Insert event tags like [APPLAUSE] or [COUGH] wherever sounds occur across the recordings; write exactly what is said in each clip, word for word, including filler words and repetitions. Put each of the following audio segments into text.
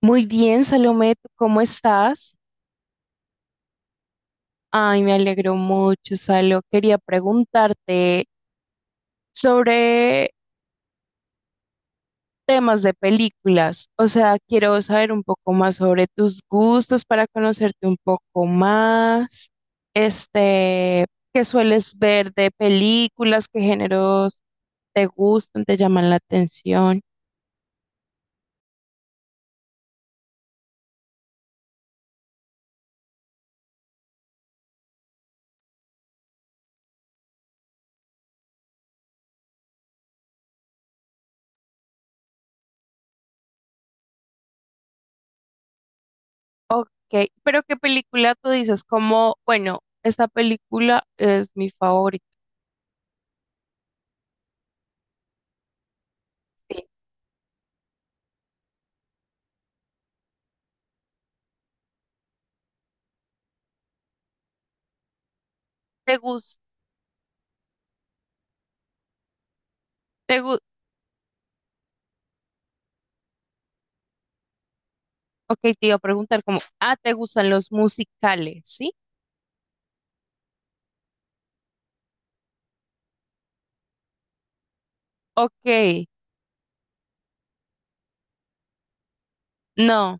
Muy bien, Salomé, ¿tú ¿cómo estás? Ay, me alegro mucho, Salo. Quería preguntarte sobre temas de películas. O sea, quiero saber un poco más sobre tus gustos para conocerte un poco más. Este, ¿qué sueles ver de películas? ¿Qué géneros te gustan, te llaman la atención? Ok, pero ¿qué película tú dices? Como, bueno, esta película es mi favorita. ¿Te gusta? Ok, te iba a preguntar como, ah, ¿te gustan los musicales? ¿Sí? Ok, no,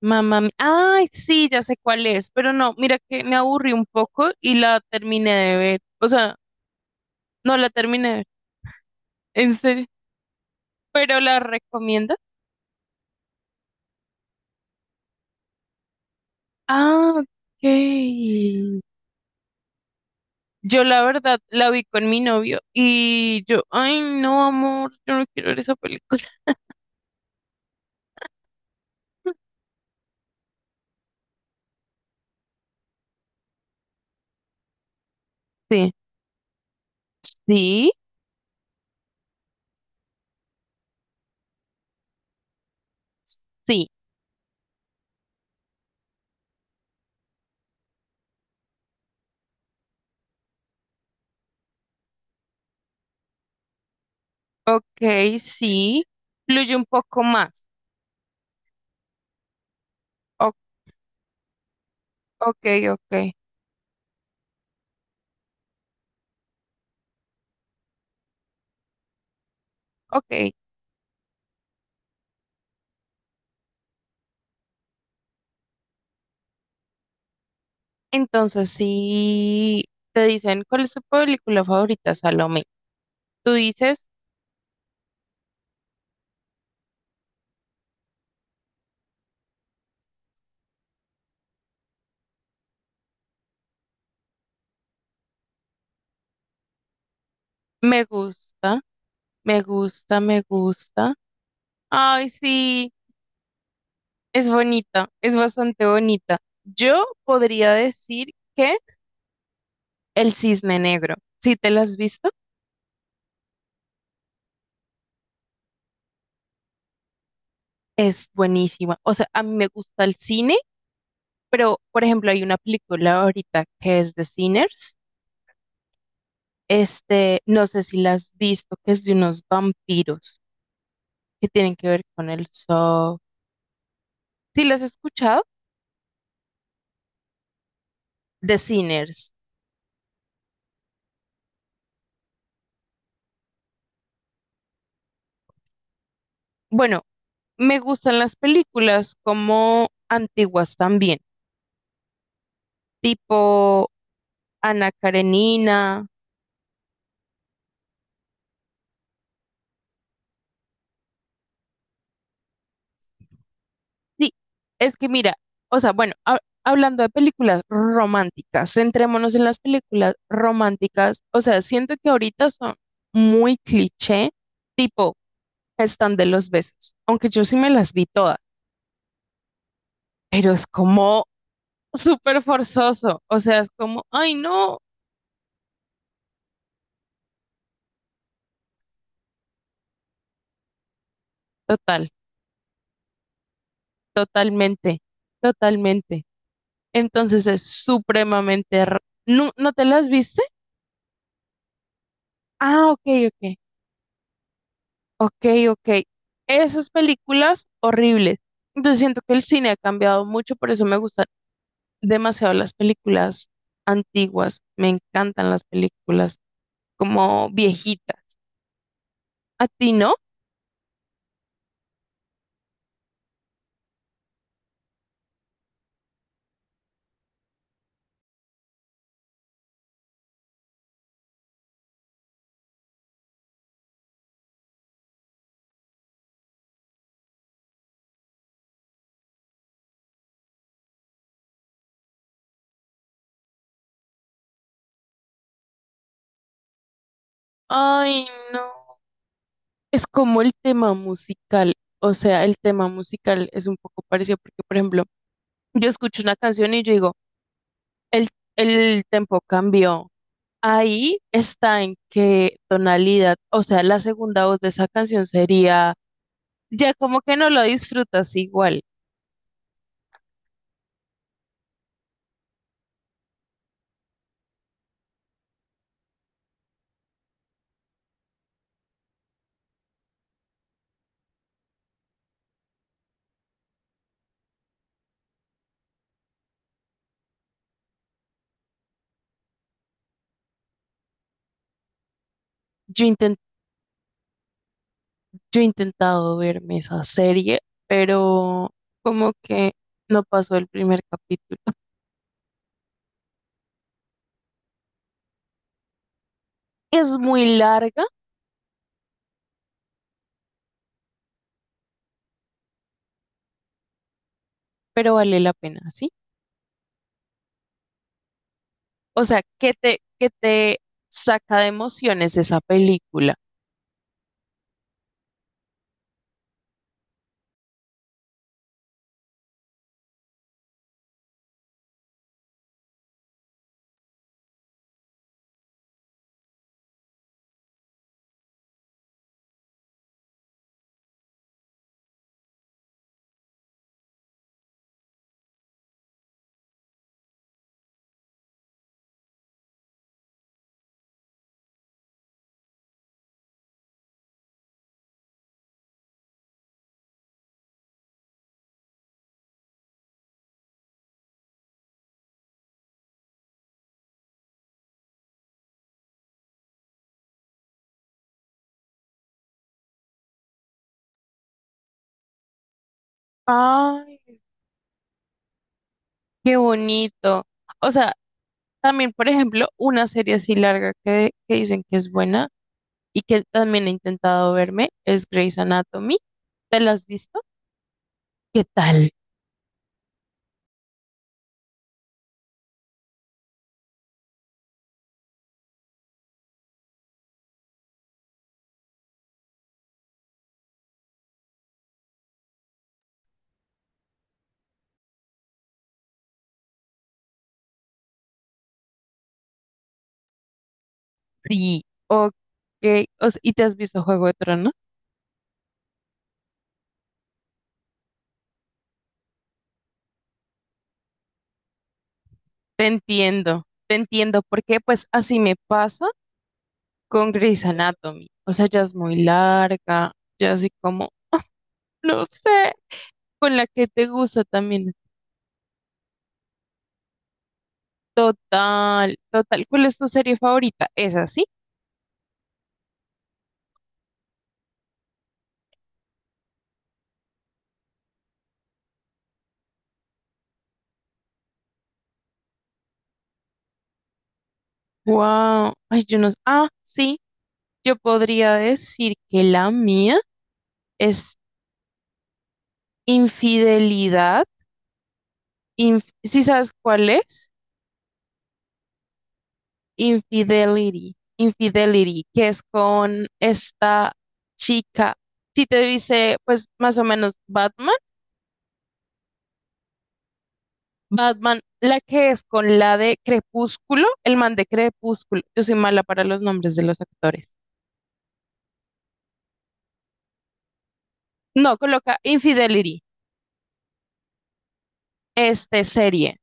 mamá, mi- ay, sí, ya sé cuál es, pero no, mira que me aburrí un poco y la terminé de ver, o sea, no la terminé de ver, en serio, [LAUGHS] pero la recomienda. Ah, ok. Yo la verdad la vi con mi novio y yo, ay, no, amor, yo no quiero ver esa película. [LAUGHS] Sí, sí, sí, ok, sí, fluye un poco más. Ok. Ok, ok, ok. Entonces, si te dicen cuál es tu película favorita, Salomé, tú dices, me gusta, me gusta, me gusta. Ay, sí, es bonita, es bastante bonita. Yo podría decir que El Cisne Negro, si te la has visto, es buenísima. O sea, a mí me gusta el cine, pero, por ejemplo, hay una película ahorita que es de Sinners. Este, no sé si la has visto, que es de unos vampiros que tienen que ver con el soft. ¿Sí las has escuchado? The Sinners. Bueno, me gustan las películas como antiguas también, tipo Ana Karenina. Sí, es que mira, o sea, bueno, ha- hablando de películas románticas, centrémonos en las películas románticas. O sea, siento que ahorita son muy cliché, tipo están de los besos, aunque yo sí me las vi todas, pero es como súper forzoso. O sea, es como, ay, no. Total, totalmente, totalmente. Entonces es supremamente... r- ¿No, no te las viste? Ah, ok, ok, ok, ok. Esas películas horribles. Entonces siento que el cine ha cambiado mucho, por eso me gustan demasiado las películas antiguas. Me encantan las películas como viejitas. ¿A ti no? Ay, no. Es como el tema musical. O sea, el tema musical es un poco parecido porque, por ejemplo, yo escucho una canción y yo digo, El, el tempo cambió. Ahí está en qué tonalidad, o sea, la segunda voz de esa canción sería, ya como que no lo disfrutas igual. Yo, inten- yo he intentado verme esa serie, pero como que no pasó el primer capítulo. [LAUGHS] Es muy larga, pero vale la pena, ¿sí? O sea, que te, que te saca de emociones esa película. Ah, qué bonito. O sea, también, por ejemplo, una serie así larga que, que dicen que es buena y que también he intentado verme es Grey's Anatomy. ¿Te la has visto? ¿Qué tal? Sí. Ok. O sea, ¿y te has visto Juego de Tronos? Te entiendo, te entiendo, porque pues así me pasa con Grey's Anatomy. O sea, ya es muy larga, ya así como, no sé, con la que te gusta también. Total, total. ¿Cuál es tu serie favorita? ¿Esa sí? Wow. Ay, yo no. s- Ah, sí. Yo podría decir que la mía es Infidelidad. Inf- ¿Sí sabes cuál es? Infidelity. Infidelity, que es con esta chica. Si te dice, pues más o menos Batman. Batman, la que es con la de Crepúsculo, el man de Crepúsculo. Yo soy mala para los nombres de los actores. No, coloca Infidelity, este serie.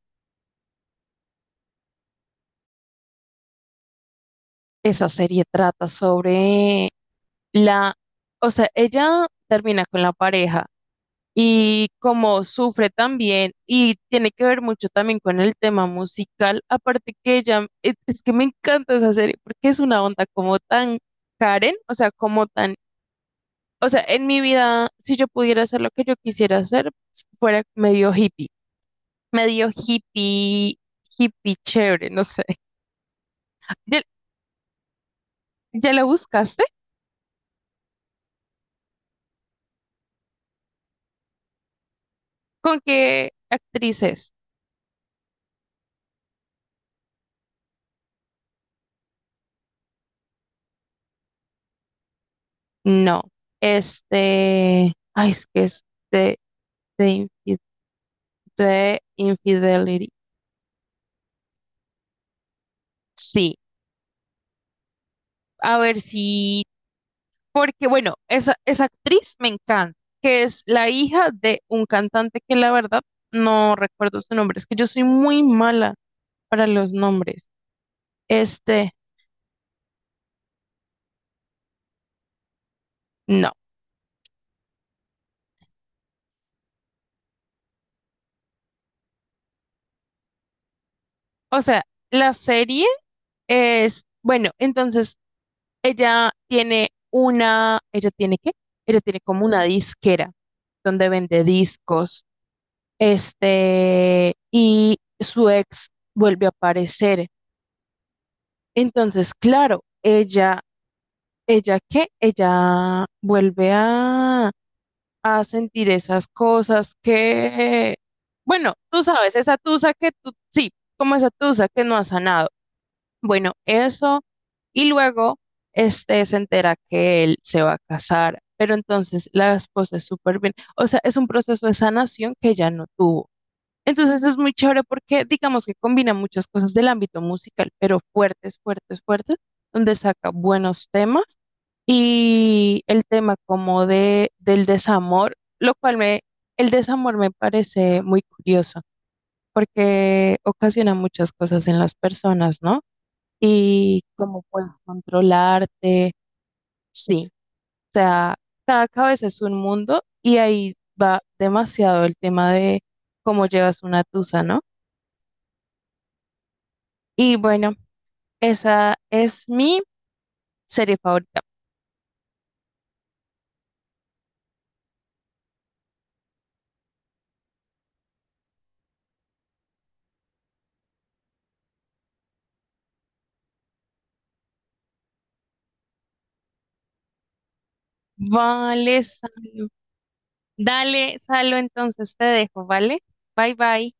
Esa serie trata sobre la, o sea, ella termina con la pareja y como sufre también y tiene que ver mucho también con el tema musical, aparte que ella, e- es que me encanta esa serie porque es una onda como tan Karen, o sea, como tan. O sea, en mi vida, si yo pudiera hacer lo que yo quisiera hacer, fuera medio hippie, medio hippie, hippie chévere, no sé. [LAUGHS] ¿Ya, ya lo buscaste? ¿Con qué actrices? No. Este, ay, es que es de, de, infi- de Infidelity. Sí, a ver si, porque bueno, esa, esa actriz me encanta, que es la hija de un cantante que la verdad no recuerdo su nombre, es que yo soy muy mala para los nombres. Este, no. O sea, la serie es, bueno, entonces ella tiene una, ella tiene qué? Ella tiene como una disquera donde vende discos. Este, y su ex vuelve a aparecer. Entonces, claro, ella, ella qué? Ella vuelve a a sentir esas cosas que, bueno, tú sabes, esa tusa que tú, sí, como esa tusa que no ha sanado. Bueno, eso, y luego este se entera que él se va a casar, pero entonces la esposa es súper bien, o sea, es un proceso de sanación que ya no tuvo. Entonces es muy chévere porque digamos que combina muchas cosas del ámbito musical, pero fuertes, fuertes, fuertes, donde saca buenos temas y el tema como de, del desamor, lo cual me, el desamor me parece muy curioso porque ocasiona muchas cosas en las personas, ¿no? Y cómo puedes controlarte, sí. O sea, cada cabeza es un mundo y ahí va demasiado el tema de cómo llevas una tusa, ¿no? Y bueno, esa es mi serie favorita. Vale, Salo. Dale, Salo, entonces te dejo, ¿vale? Bye, bye.